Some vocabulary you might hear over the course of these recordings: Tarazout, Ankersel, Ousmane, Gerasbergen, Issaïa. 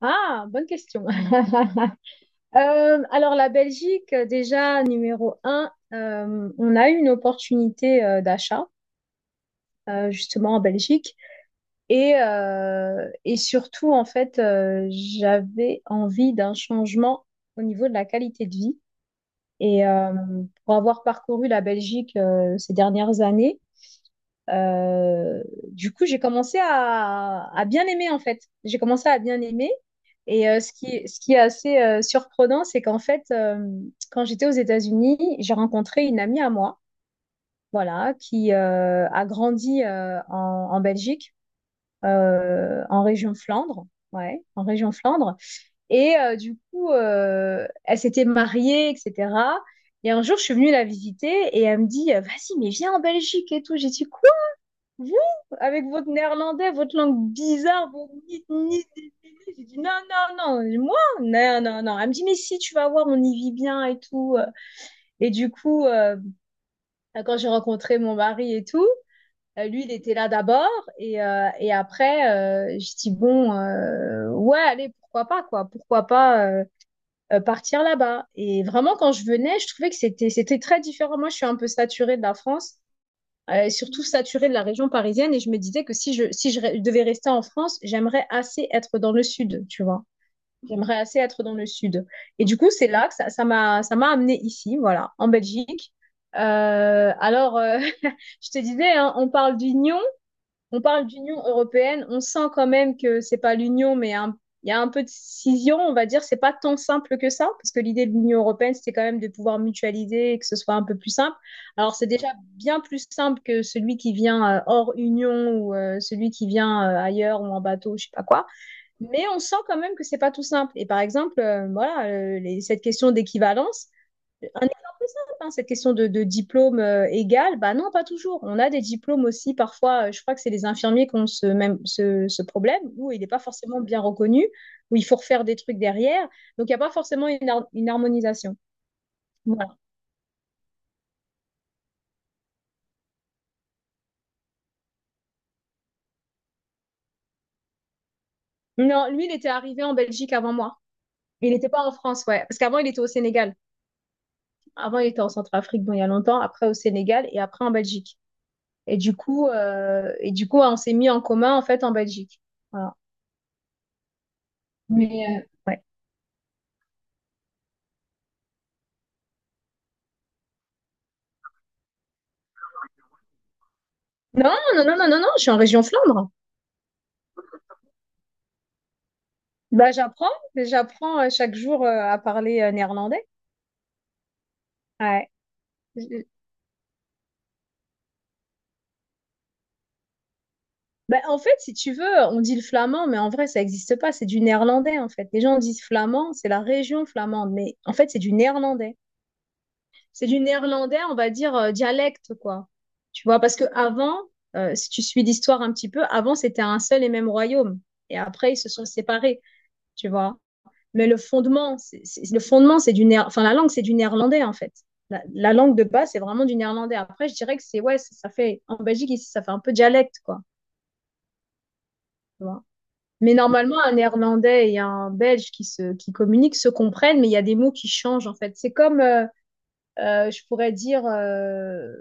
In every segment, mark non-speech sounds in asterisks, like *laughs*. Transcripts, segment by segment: Ah, bonne question. *laughs* Alors la Belgique, déjà numéro un, on a eu une opportunité d'achat justement en Belgique. Et et surtout en fait j'avais envie d'un changement au niveau de la qualité de vie. Et pour avoir parcouru la Belgique ces dernières années, Euh, du coup, j'ai commencé à bien aimer en fait. J'ai commencé à bien aimer. Ce qui est assez surprenant, c'est qu'en fait, quand j'étais aux États-Unis, j'ai rencontré une amie à moi, voilà, qui a grandi en Belgique, en région Flandre, ouais, en région Flandre. Et du coup, elle s'était mariée, etc. Et un jour, je suis venue la visiter et elle me dit, vas-y, mais viens en Belgique et tout. J'ai dit, vous, avec votre néerlandais, votre langue bizarre, vos ni, ni, ni, ni. J'ai dit non, non, non, moi, non, non, non. Elle me dit, mais si, tu vas voir, on y vit bien et tout. Et du coup, quand j'ai rencontré mon mari et tout, lui, il était là d'abord. Et après, j'ai dit, bon, ouais, allez, pourquoi pas, quoi. Pourquoi pas partir là-bas. Et vraiment, quand je venais, je trouvais que c'était très différent. Moi, je suis un peu saturée de la France, surtout saturée de la région parisienne. Et je me disais que si je devais rester en France, j'aimerais assez être dans le sud, tu vois. J'aimerais assez être dans le sud. Et du coup, c'est là que ça m'a amenée ici, voilà, en Belgique. Alors, *laughs* je te disais, hein, on parle d'Union européenne, on sent quand même que c'est pas l'Union, il y a un peu de scission, on va dire. C'est pas tant simple que ça, parce que l'idée de l'Union européenne, c'était quand même de pouvoir mutualiser et que ce soit un peu plus simple. Alors, c'est déjà bien plus simple que celui qui vient hors Union ou celui qui vient ailleurs ou en bateau, je sais pas quoi. Mais on sent quand même que c'est pas tout simple. Et par exemple, voilà, cette question d'équivalence. Un exemple simple, hein, cette question de diplôme égal, bah non, pas toujours. On a des diplômes aussi, parfois, je crois que c'est les infirmiers qui ont ce problème, où il n'est pas forcément bien reconnu, où il faut refaire des trucs derrière. Donc, il n'y a pas forcément une harmonisation. Voilà. Non, lui, il était arrivé en Belgique avant moi. Il n'était pas en France, ouais. Parce qu'avant, il était au Sénégal. Avant, il était en Centrafrique, bon, il y a longtemps, après au Sénégal et après en Belgique. Et du coup, on s'est mis en commun, en fait, en Belgique. Voilà. Mais ouais. Non, non, non, non, non, non, je suis en région Flandre. Bah, j'apprends, j'apprends chaque jour à parler néerlandais. Ouais. Je- Bah, en fait, si tu veux, on dit le flamand, mais en vrai, ça n'existe pas, c'est du néerlandais, en fait. Les gens disent flamand, c'est la région flamande, mais en fait, c'est du néerlandais. C'est du néerlandais, on va dire, dialecte, quoi. Tu vois, parce que avant, si tu suis l'histoire un petit peu, avant, c'était un seul et même royaume. Et après, ils se sont séparés, tu vois. Mais le fondement, c'est du néer- enfin la langue, c'est du néerlandais en fait. La langue de base, c'est vraiment du néerlandais. Après, je dirais que c'est ouais, ça fait en Belgique ici, ça fait un peu dialecte quoi. Tu Mais normalement, un néerlandais et un belge qui communiquent se comprennent, mais il y a des mots qui changent en fait. C'est comme je pourrais dire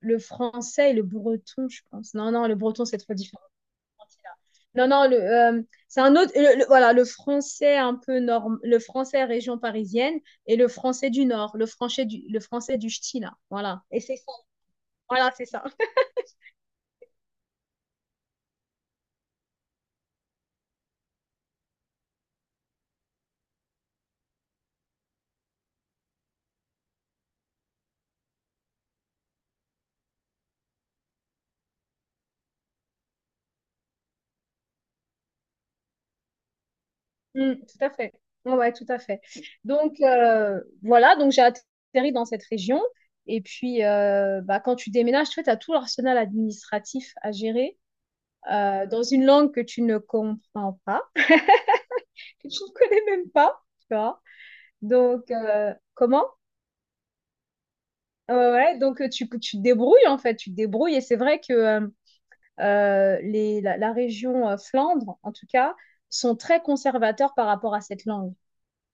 le français et le breton, je pense. Non, non, le breton c'est trop différent. Non, non, le, c'est un autre. Voilà, le français un peu norm, le français région parisienne et le français du Nord, le français du ch'ti, là. Voilà. Et c'est ça. Voilà, c'est ça. *laughs* Mm, tout à fait. Ouais, ouais, tout à fait. Donc, voilà, donc j'ai atterri dans cette région. Et puis, bah, quand tu déménages, tu as tout l'arsenal administratif à gérer dans une langue que tu ne comprends pas, que tu ne *laughs* connais même pas, tu vois. Donc, comment? Ouais, ouais, donc tu te débrouilles en fait, tu te débrouilles et c'est vrai que la région Flandre, en tout cas, sont très conservateurs par rapport à cette langue,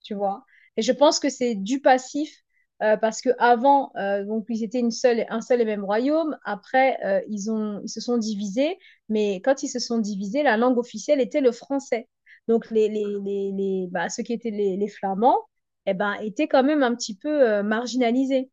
tu vois. Et je pense que c'est du passif, parce que avant, donc ils étaient un seul et même royaume. Après, ils se sont divisés, mais quand ils se sont divisés, la langue officielle était le français. Donc ceux qui étaient les Flamands, eh ben, étaient quand même un petit peu marginalisés,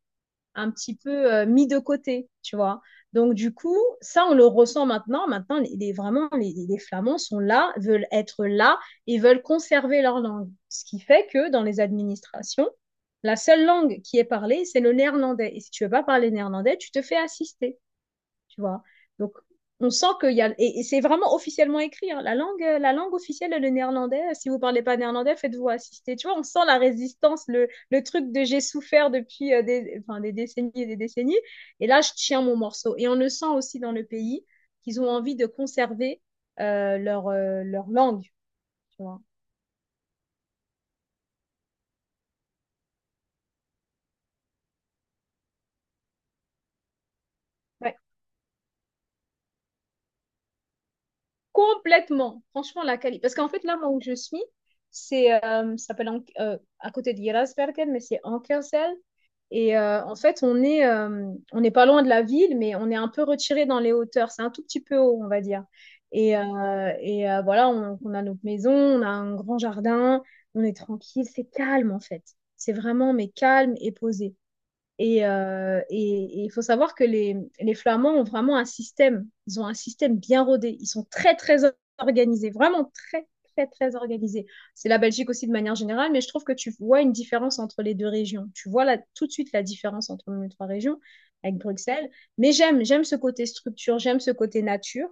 un petit peu mis de côté, tu vois. Donc, du coup, ça, on le ressent maintenant. Maintenant, vraiment, les Flamands sont là, veulent être là et veulent conserver leur langue. Ce qui fait que dans les administrations, la seule langue qui est parlée, c'est le néerlandais. Et si tu veux pas parler néerlandais, tu te fais assister, tu vois. Donc, on sent qu'il y a... et c'est vraiment officiellement écrit, hein. La langue officielle, est le néerlandais. Si vous parlez pas néerlandais, faites-vous assister. Tu vois, on sent la résistance, le truc de j'ai souffert depuis des décennies. Et là, je tiens mon morceau. Et on le sent aussi dans le pays qu'ils ont envie de conserver leur langue. Tu vois. Ouais, complètement. Franchement, la qualité. Parce qu'en fait, là, moi où je suis, ça s'appelle à côté de Gerasbergen, mais c'est Ankersel. Et en fait, on n'est pas loin de la ville, mais on est un peu retiré dans les hauteurs. C'est un tout petit peu haut, on va dire. Et voilà, on a notre maison, on a un grand jardin, on est tranquille, c'est calme en fait. C'est vraiment, mais calme et posé. Et et il faut savoir que les Flamands ont vraiment un système. Ils ont un système bien rodé. Ils sont très, très organisés. Vraiment très, très, très organisés. C'est la Belgique aussi de manière générale, mais je trouve que tu vois une différence entre les deux régions. Tu vois là, tout de suite la différence entre nos trois régions, avec Bruxelles. Mais j'aime, j'aime ce côté structure, j'aime ce côté nature.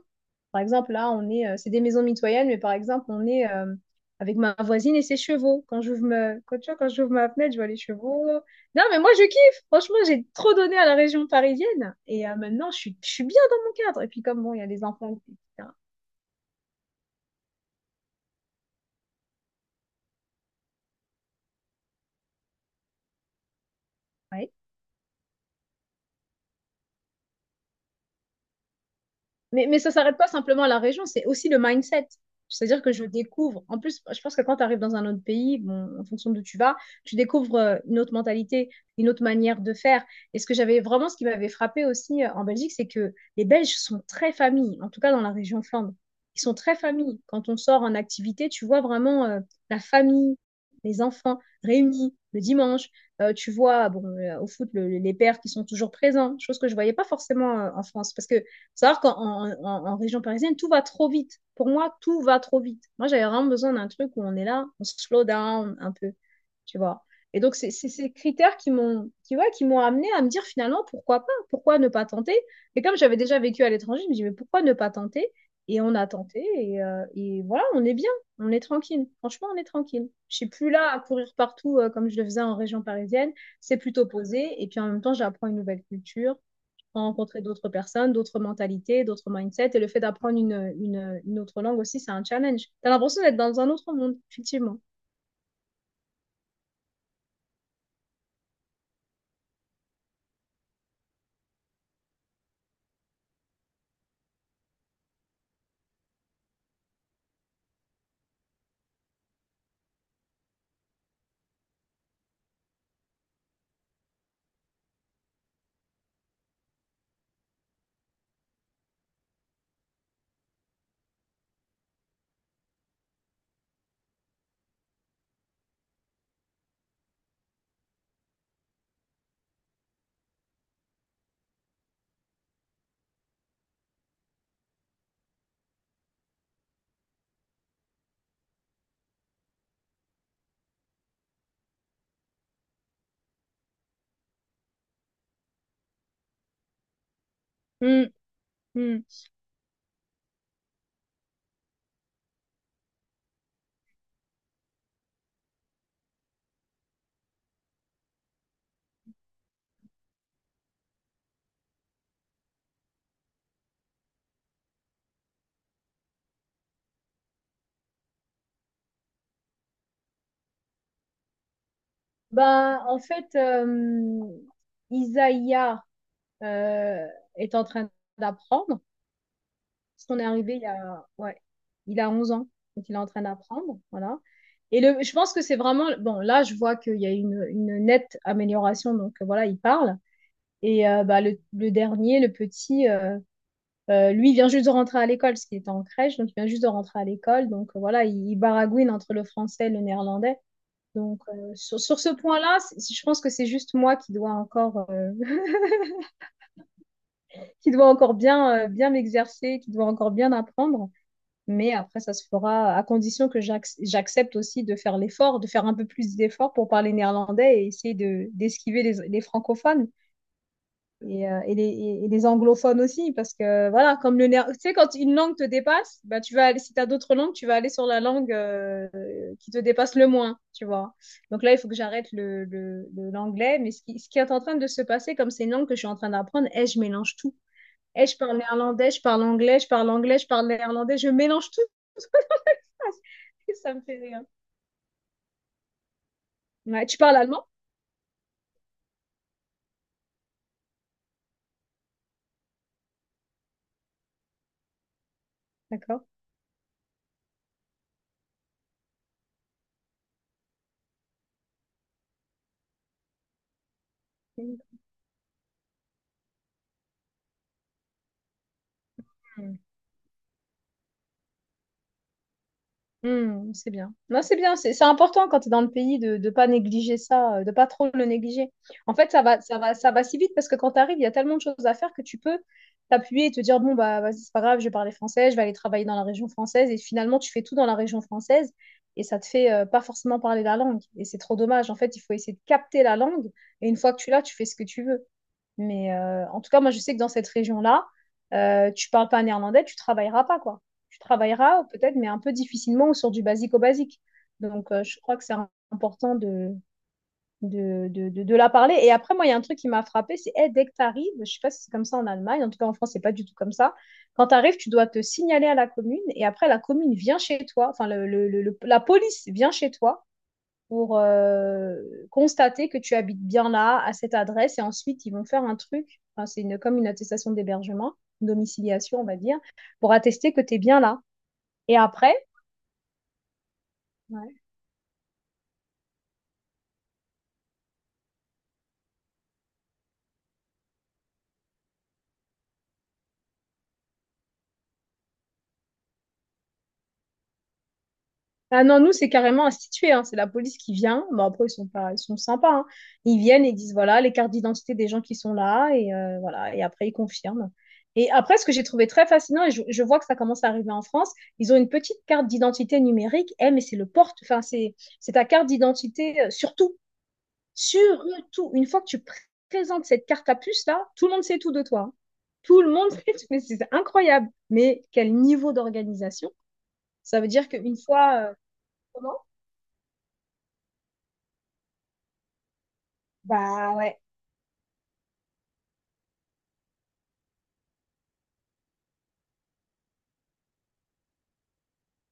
Par exemple, là, c'est des maisons mitoyennes, mais par exemple, on est avec ma voisine et ses chevaux. Quand j'ouvre ma fenêtre, je vois les chevaux. Non, mais moi, je kiffe. Franchement, j'ai trop donné à la région parisienne et maintenant, je suis bien dans mon cadre. Et puis, comme bon, il y a les enfants, etc. Ouais. Mais ça s'arrête pas simplement à la région, c'est aussi le mindset. C'est-à-dire que je découvre, en plus, je pense que quand tu arrives dans un autre pays, bon, en fonction d'où tu vas, tu découvres une autre mentalité, une autre manière de faire. Et ce que j'avais vraiment, ce qui m'avait frappé aussi en Belgique, c'est que les Belges sont très familles, en tout cas dans la région Flandre. Ils sont très familles. Quand on sort en activité, tu vois vraiment la famille, les enfants réunis le dimanche. Tu vois, bon, au foot, les pères qui sont toujours présents, chose que je voyais pas forcément en France, parce que savoir qu'en région parisienne, tout va trop vite. Pour moi, tout va trop vite. Moi, j'avais vraiment besoin d'un truc où on est là, on se slow down un peu, tu vois. Et donc, c'est ces critères ouais, qui m'ont amené à me dire finalement, pourquoi pas? Pourquoi ne pas tenter? Et comme j'avais déjà vécu à l'étranger, je me dis, mais pourquoi ne pas tenter? Et on a tenté et voilà, on est bien, on est tranquille. Franchement, on est tranquille. Je suis plus là à courir partout comme je le faisais en région parisienne. C'est plutôt posé et puis en même temps, j'apprends une nouvelle culture, rencontrer d'autres personnes, d'autres mentalités, d'autres mindsets. Et le fait d'apprendre une autre langue aussi, c'est un challenge. T'as l'impression d'être dans un autre monde, effectivement. Mm, mm. Ben, en fait, euh, Isaiah euh, est en train d'apprendre. Parce qu'on est arrivé il y a, ouais, il a 11 ans. Donc, il est en train d'apprendre. Voilà. Et le, je pense que c'est vraiment. Bon, là, je vois qu'il y a une nette amélioration. Donc, voilà, il parle. Et bah, le dernier, le petit, lui, il vient juste de rentrer à l'école, parce qu'il était en crèche, donc il vient juste de rentrer à l'école. Donc voilà, il baragouine entre le français et le néerlandais. Donc sur, sur ce point-là, c'est- je pense que c'est juste moi qui dois encore, *laughs* qui dois encore bien, bien m'exercer, qui dois encore bien apprendre. Mais après, ça se fera à condition que j'accepte aussi de faire l'effort, de faire un peu plus d'efforts pour parler néerlandais et essayer de, d'esquiver les francophones. Et, et, les, les anglophones aussi, parce que voilà, comme tu sais, quand une langue te dépasse, bah, tu vas aller, si tu as d'autres langues, tu vas aller sur la langue qui te dépasse le moins, tu vois. Donc là, il faut que j'arrête l'anglais, mais ce qui est en train de se passer, comme c'est une langue que je suis en train d'apprendre, eh, je mélange tout. Eh, je parle néerlandais, je parle anglais, je parle anglais, je parle néerlandais, je mélange tout *laughs* ça Ça me fait rire. Ouais, tu parles allemand? D'accord. Hmm, c'est bien. Non, c'est bien. C'est important quand tu es dans le pays de ne pas négliger ça, de pas trop le négliger. En fait, ça va si vite parce que quand tu arrives, il y a tellement de choses à faire que tu peux t'appuyer et te dire, bon, bah, vas-y, c'est pas grave, je vais parler français, je vais aller travailler dans la région française. Et finalement, tu fais tout dans la région française et ça te fait pas forcément parler la langue. Et c'est trop dommage. En fait, il faut essayer de capter la langue et une fois que tu l'as, tu fais ce que tu veux. Mais en tout cas, moi, je sais que dans cette région-là, tu parles pas néerlandais, tu travailleras pas, quoi. Tu travailleras peut-être, mais un peu difficilement ou sur du basique au basique. Donc, je crois que c'est important de de la parler. Et après, moi, il y a un truc qui m'a frappé, c'est hey, dès que tu arrives, je sais pas si c'est comme ça en Allemagne, en tout cas en France, c'est pas du tout comme ça. Quand tu arrives, tu dois te signaler à la commune et après, la commune vient chez toi, enfin, la police vient chez toi pour constater que tu habites bien là, à cette adresse, et ensuite ils vont faire un truc, enfin, c'est une, comme une attestation d'hébergement, une domiciliation on va dire, pour attester que tu es bien là. Et après, ouais. Ah non, nous, c'est carrément institué, hein. C'est la police qui vient. Bon, après, ils sont pas, ils sont sympas, hein. Ils viennent et ils disent, voilà, les cartes d'identité des gens qui sont là, et voilà, et après, ils confirment. Et après, ce que j'ai trouvé très fascinant, et je vois que ça commence à arriver en France, ils ont une petite carte d'identité numérique. Eh, mais c'est le porte, enfin, c'est ta carte d'identité, surtout, surtout, une fois que présentes cette carte à puce, là, tout le monde sait tout de toi, hein. Tout le monde *laughs* sait tout, mais c'est incroyable. Mais quel niveau d'organisation! Ça veut dire qu'une fois, euh, bah ouais,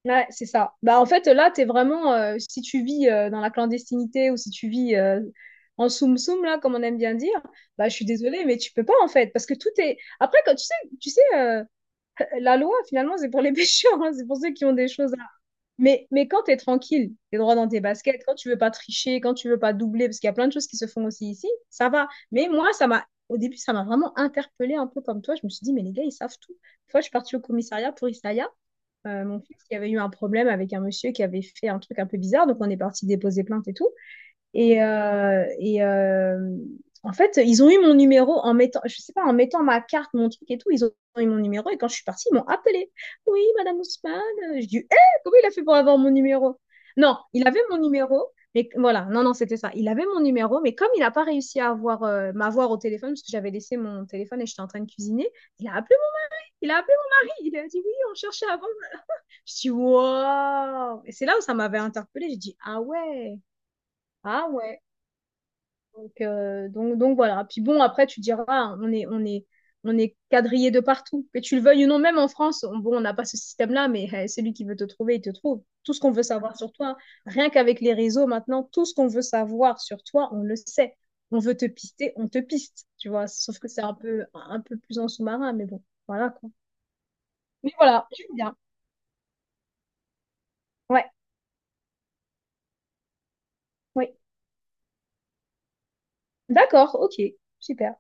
ouais, c'est ça. Bah en fait, là, t'es vraiment, si tu vis dans la clandestinité ou si tu vis en soum-soum, là, comme on aime bien dire, bah je suis désolée, mais tu peux pas en fait, parce que tout est. Après, quand tu sais, euh, *laughs* la loi, finalement, c'est pour les *laughs* pêcheurs, hein, c'est pour ceux qui ont des choses à. Mais quand t'es tranquille, t'es droit dans tes baskets, quand tu veux pas tricher, quand tu veux pas doubler, parce qu'il y a plein de choses qui se font aussi ici, ça va. Mais moi, ça m'a. Au début, ça m'a vraiment interpellée un peu comme toi. Je me suis dit, mais les gars, ils savent tout. Une fois, je suis partie au commissariat pour Issaïa. Mon fils, il y avait eu un problème avec un monsieur qui avait fait un truc un peu bizarre, donc on est parti déposer plainte et tout. Et, en fait, ils ont eu mon numéro en mettant, je sais pas, en mettant ma carte, mon truc et tout, ils ont eu mon numéro. Et quand je suis partie, ils m'ont appelé. Oui, Madame Ousmane. Je dis, hé, comment il a fait pour avoir mon numéro? Non, il avait mon numéro, mais voilà, non, c'était ça. Il avait mon numéro, mais comme il n'a pas réussi à avoir, m'avoir au téléphone, parce que j'avais laissé mon téléphone et j'étais en train de cuisiner, il a appelé, il a appelé mon mari. Il a dit oui, on cherchait avant, je dis, wow! Et c'est là où ça m'avait interpellée. J'ai dit, ah ouais, ah ouais. Donc, voilà. Puis bon, après, tu diras, on est quadrillé de partout. Que tu le veuilles ou non, même en France, on, bon, on n'a pas ce système-là, mais eh, celui qui veut te trouver, il te trouve. Tout ce qu'on veut savoir sur toi, rien qu'avec les réseaux maintenant, tout ce qu'on veut savoir sur toi, on le sait. On veut te pister, on te piste, tu vois. Sauf que c'est un peu plus en sous-marin, mais bon, voilà quoi. Mais voilà, j'aime bien. Ouais, oui. D'accord, ok, super.